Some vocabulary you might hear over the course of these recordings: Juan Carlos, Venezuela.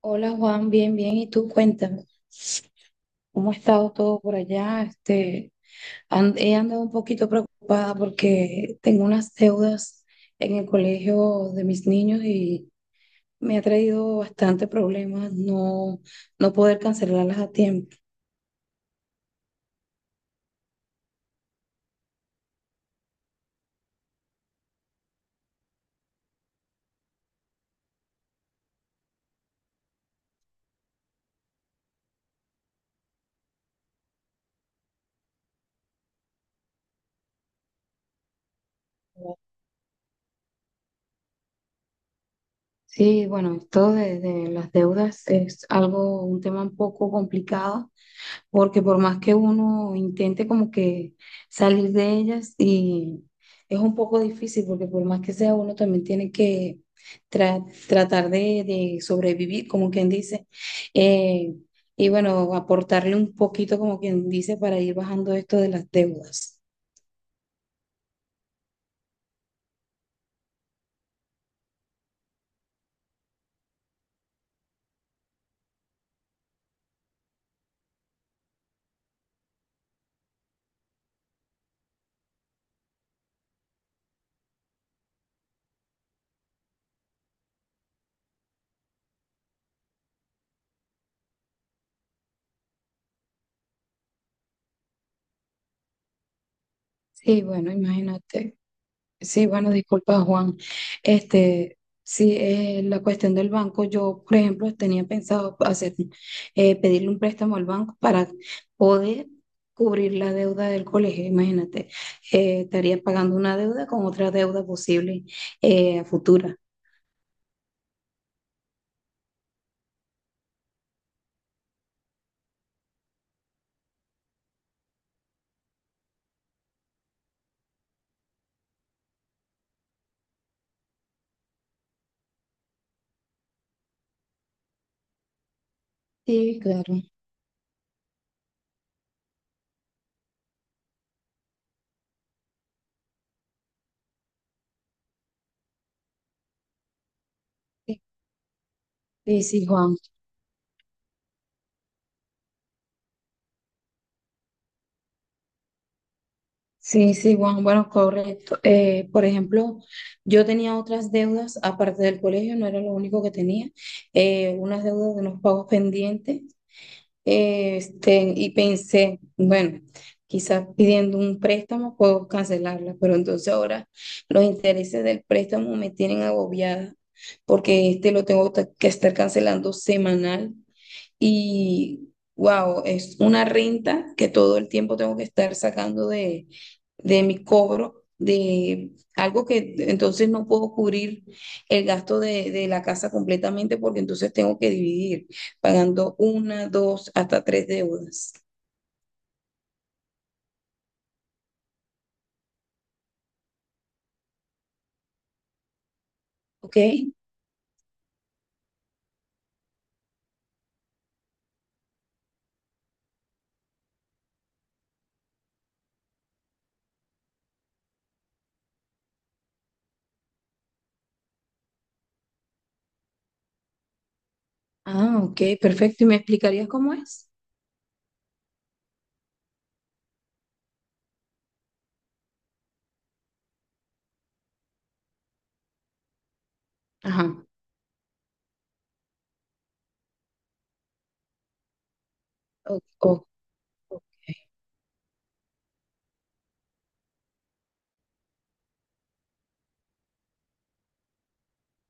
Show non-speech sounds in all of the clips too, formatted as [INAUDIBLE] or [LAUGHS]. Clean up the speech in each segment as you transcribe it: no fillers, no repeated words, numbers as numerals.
Hola Juan, bien, bien. ¿Y tú cuéntame? ¿Cómo ha estado todo por allá? He andado un poquito preocupada porque tengo unas deudas en el colegio de mis niños y me ha traído bastante problemas no, no poder cancelarlas a tiempo. Sí, bueno, esto de las deudas es algo, un tema un poco complicado porque por más que uno intente como que salir de ellas y es un poco difícil, porque por más que sea uno también tiene que tratar de sobrevivir, como quien dice. eh, y bueno, aportarle un poquito, como quien dice, para ir bajando esto de las deudas. Sí, bueno, imagínate. Sí, bueno, disculpa, Juan. Este, sí, la cuestión del banco, yo, por ejemplo, tenía pensado hacer, pedirle un préstamo al banco para poder cubrir la deuda del colegio. Imagínate, estaría pagando una deuda con otra deuda posible, a futura. Sí, claro. Sí, sí, sí, Juan. Sí, sí, Juan. Bueno, correcto. Por ejemplo, yo tenía otras deudas aparte del colegio, no era lo único que tenía. Unas deudas de unos pagos pendientes. Y pensé, bueno, quizás pidiendo un préstamo puedo cancelarla, pero entonces ahora los intereses del préstamo me tienen agobiada porque este lo que estar cancelando semanal y wow, es una renta que todo el tiempo tengo que estar sacando de mi cobro, de algo que entonces no puedo cubrir el gasto de la casa completamente porque entonces tengo que dividir, pagando una, dos, hasta tres deudas. Ok. Ah, ok, perfecto. ¿Y me explicarías cómo es? Ajá. O- o-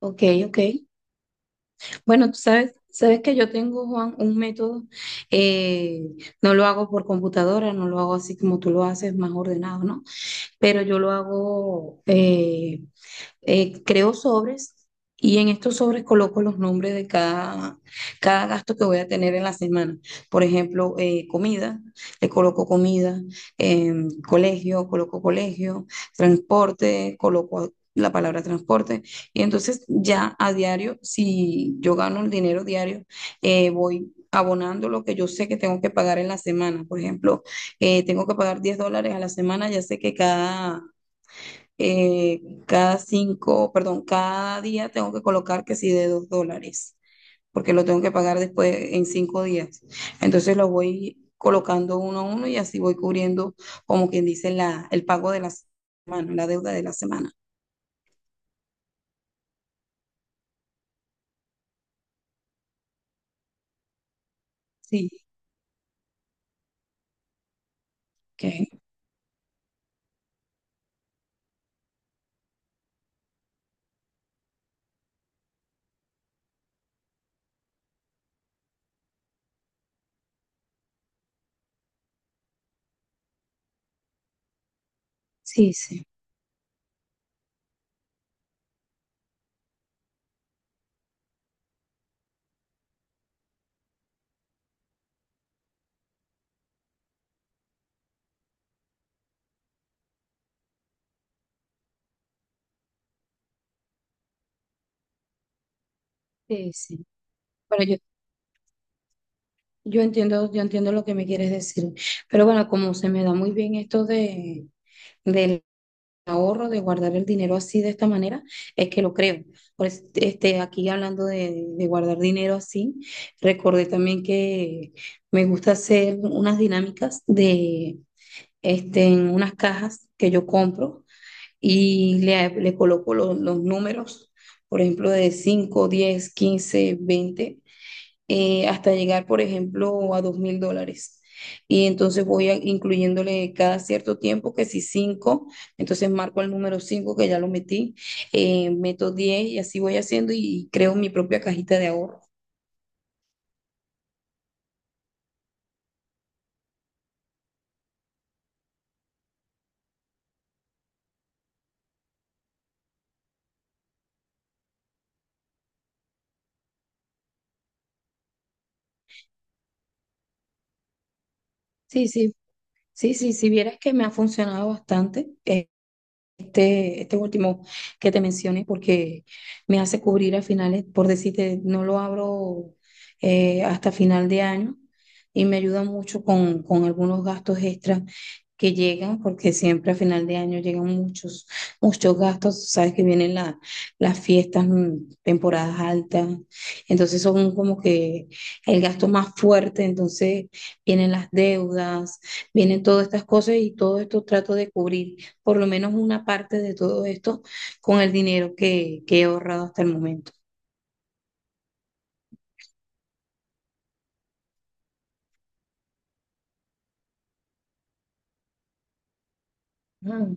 Ok, ok, ok. Bueno, tú sabes, sabes que yo tengo, Juan, un método, eh, no lo hago por computadora, no lo hago así como tú lo haces, más ordenado, ¿no? Pero yo lo hago, creo sobres y en estos sobres coloco los nombres de cada, cada gasto que voy a tener en la semana. Por ejemplo, comida, le coloco comida, eh, colegio, coloco colegio, transporte, coloco la palabra transporte. Y entonces ya a diario, si yo gano el dinero diario, voy abonando lo que yo sé que tengo que pagar en la semana. Por ejemplo, tengo que pagar $10 a la semana, ya sé que cada, eh, cada cinco, perdón, cada día tengo que colocar que sí de $2, porque lo tengo que pagar después en cinco días. Entonces lo voy colocando uno a uno y así voy cubriendo, como quien dice, la, el pago de la semana, la deuda de la semana. Sí, ok. Sí, sí, sí, sí. Bueno, yo, yo entiendo lo que me quieres decir. Pero bueno, como se me da muy bien esto de, ahorro, de guardar el dinero así de esta manera, es que lo creo. Pues, aquí hablando de guardar dinero así, recordé también que me gusta hacer unas dinámicas de este, en unas cajas que yo compro y le coloco los números, por ejemplo, de 5, 10, 15, 20 hasta llegar, por ejemplo, a $2000. Y entonces incluyéndole cada cierto tiempo, que si cinco, entonces marco el número cinco que ya lo metí, meto 10 y así voy haciendo y creo mi propia cajita de ahorro. Sí, sí, sí, sí, si vieras que me ha funcionado bastante. Este último que te mencioné, porque me hace cubrir a finales, por decirte, no lo abro, hasta final de año y me ayuda mucho con algunos gastos extras que llegan, porque siempre a final de año llegan muchos, muchos gastos, sabes que vienen las fiestas, mm, temporadas altas, entonces son como que el gasto más fuerte, entonces vienen las deudas, vienen todas estas cosas y todo esto trato de cubrir por lo menos una parte de todo esto con el dinero que he ahorrado hasta el momento. Mm,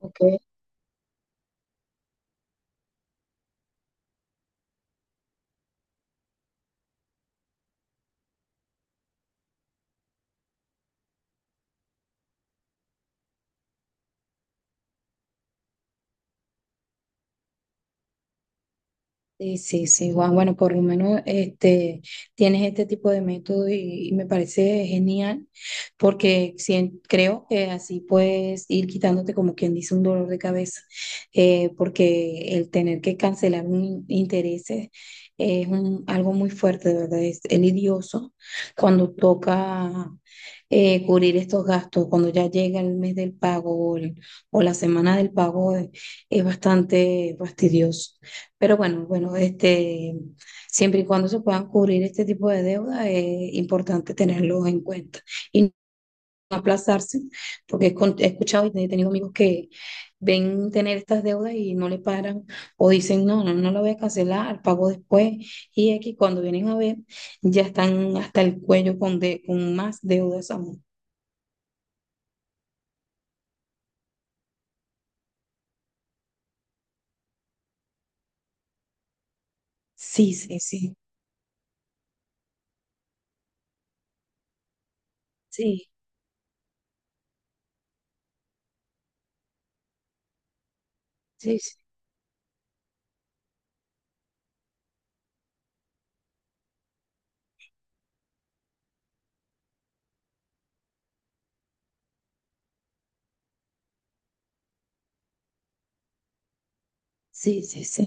ok. Sí, sí, sí, Juan. Bueno, por lo menos este, tienes este tipo de método y me parece genial porque creo que así puedes ir quitándote como quien dice un dolor de cabeza, porque el tener que cancelar intereses algo muy fuerte, de verdad, es lidioso cuando toca, cubrir estos gastos, cuando ya llega el mes del pago o, o la semana del pago, es bastante fastidioso. Pero bueno, bueno, este, siempre y cuando se puedan cubrir este tipo de deuda, es importante tenerlo en cuenta y no aplazarse, porque he escuchado y he tenido amigos que ven tener estas deudas y no le paran o dicen, no, no, no la voy a cancelar, pago después. Y aquí cuando vienen a ver, ya están hasta el cuello con más deudas aún. Sí, sí, sí, sí, sí, sí, sí, sí, sí.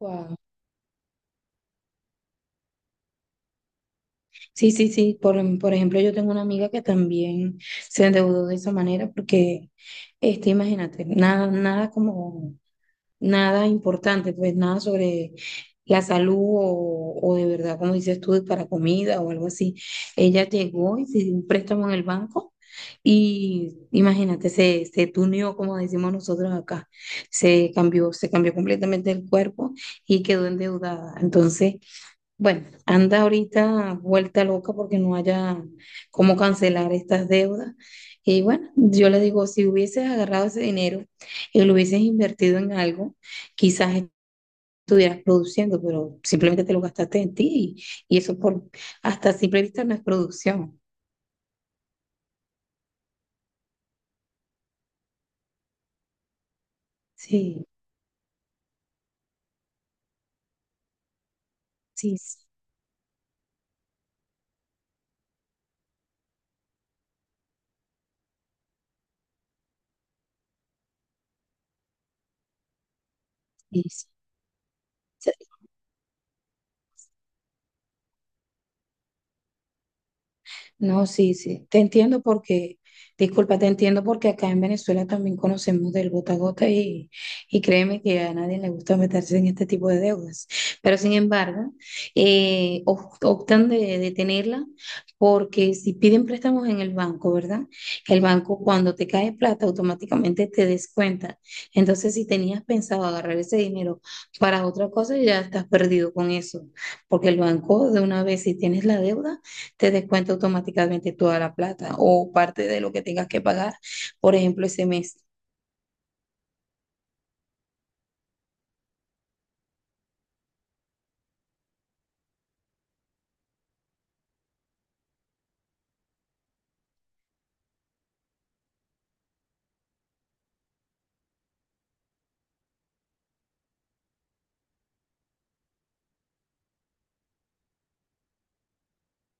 Guau. Sí, sí, sí. Por ejemplo, yo tengo una amiga que también se endeudó de esa manera porque, este, imagínate, nada, nada como, nada importante, pues nada sobre la salud o de verdad, como dices tú, para comida o algo así. Ella llegó y se dio un préstamo en el banco y imagínate, se tuneó, como decimos nosotros acá. Se cambió completamente el cuerpo y quedó endeudada. Entonces, bueno, anda ahorita vuelta loca porque no haya cómo cancelar estas deudas. Y bueno, yo le digo, si hubieses agarrado ese dinero y lo hubieses invertido en algo, quizás estuvieras produciendo, pero simplemente te lo gastaste en ti y eso por, hasta simple vista no es producción. Sí, sí, sí, sí, sí. No, sí, sí, te entiendo porque, disculpa, te entiendo porque acá en Venezuela también conocemos del gota a gota y créeme que a nadie le gusta meterse en este tipo de deudas. Pero sin embargo, optan de tenerla porque si piden préstamos en el banco, ¿verdad? El banco cuando te cae plata automáticamente te descuenta. Entonces, si tenías pensado agarrar ese dinero para otra cosa, ya estás perdido con eso, porque el banco de una vez, si tienes la deuda, te descuenta automáticamente toda la plata o parte de lo que tengas que pagar, por ejemplo, ese mes.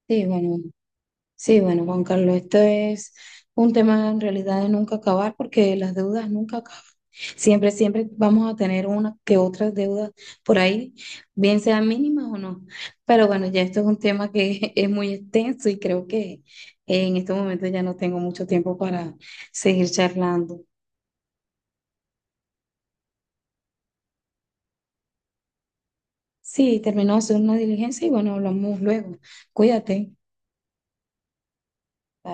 Sí, bueno, sí, bueno, Juan Carlos, esto es un tema en realidad de nunca acabar porque las deudas nunca acaban. Siempre, siempre vamos a tener una que otras deudas por ahí, bien sean mínimas o no. Pero bueno, ya esto es un tema que [LAUGHS] es muy extenso y creo que en estos momentos ya no tengo mucho tiempo para seguir charlando. Sí, terminó de hacer una diligencia y bueno, hablamos luego. Cuídate. Bye.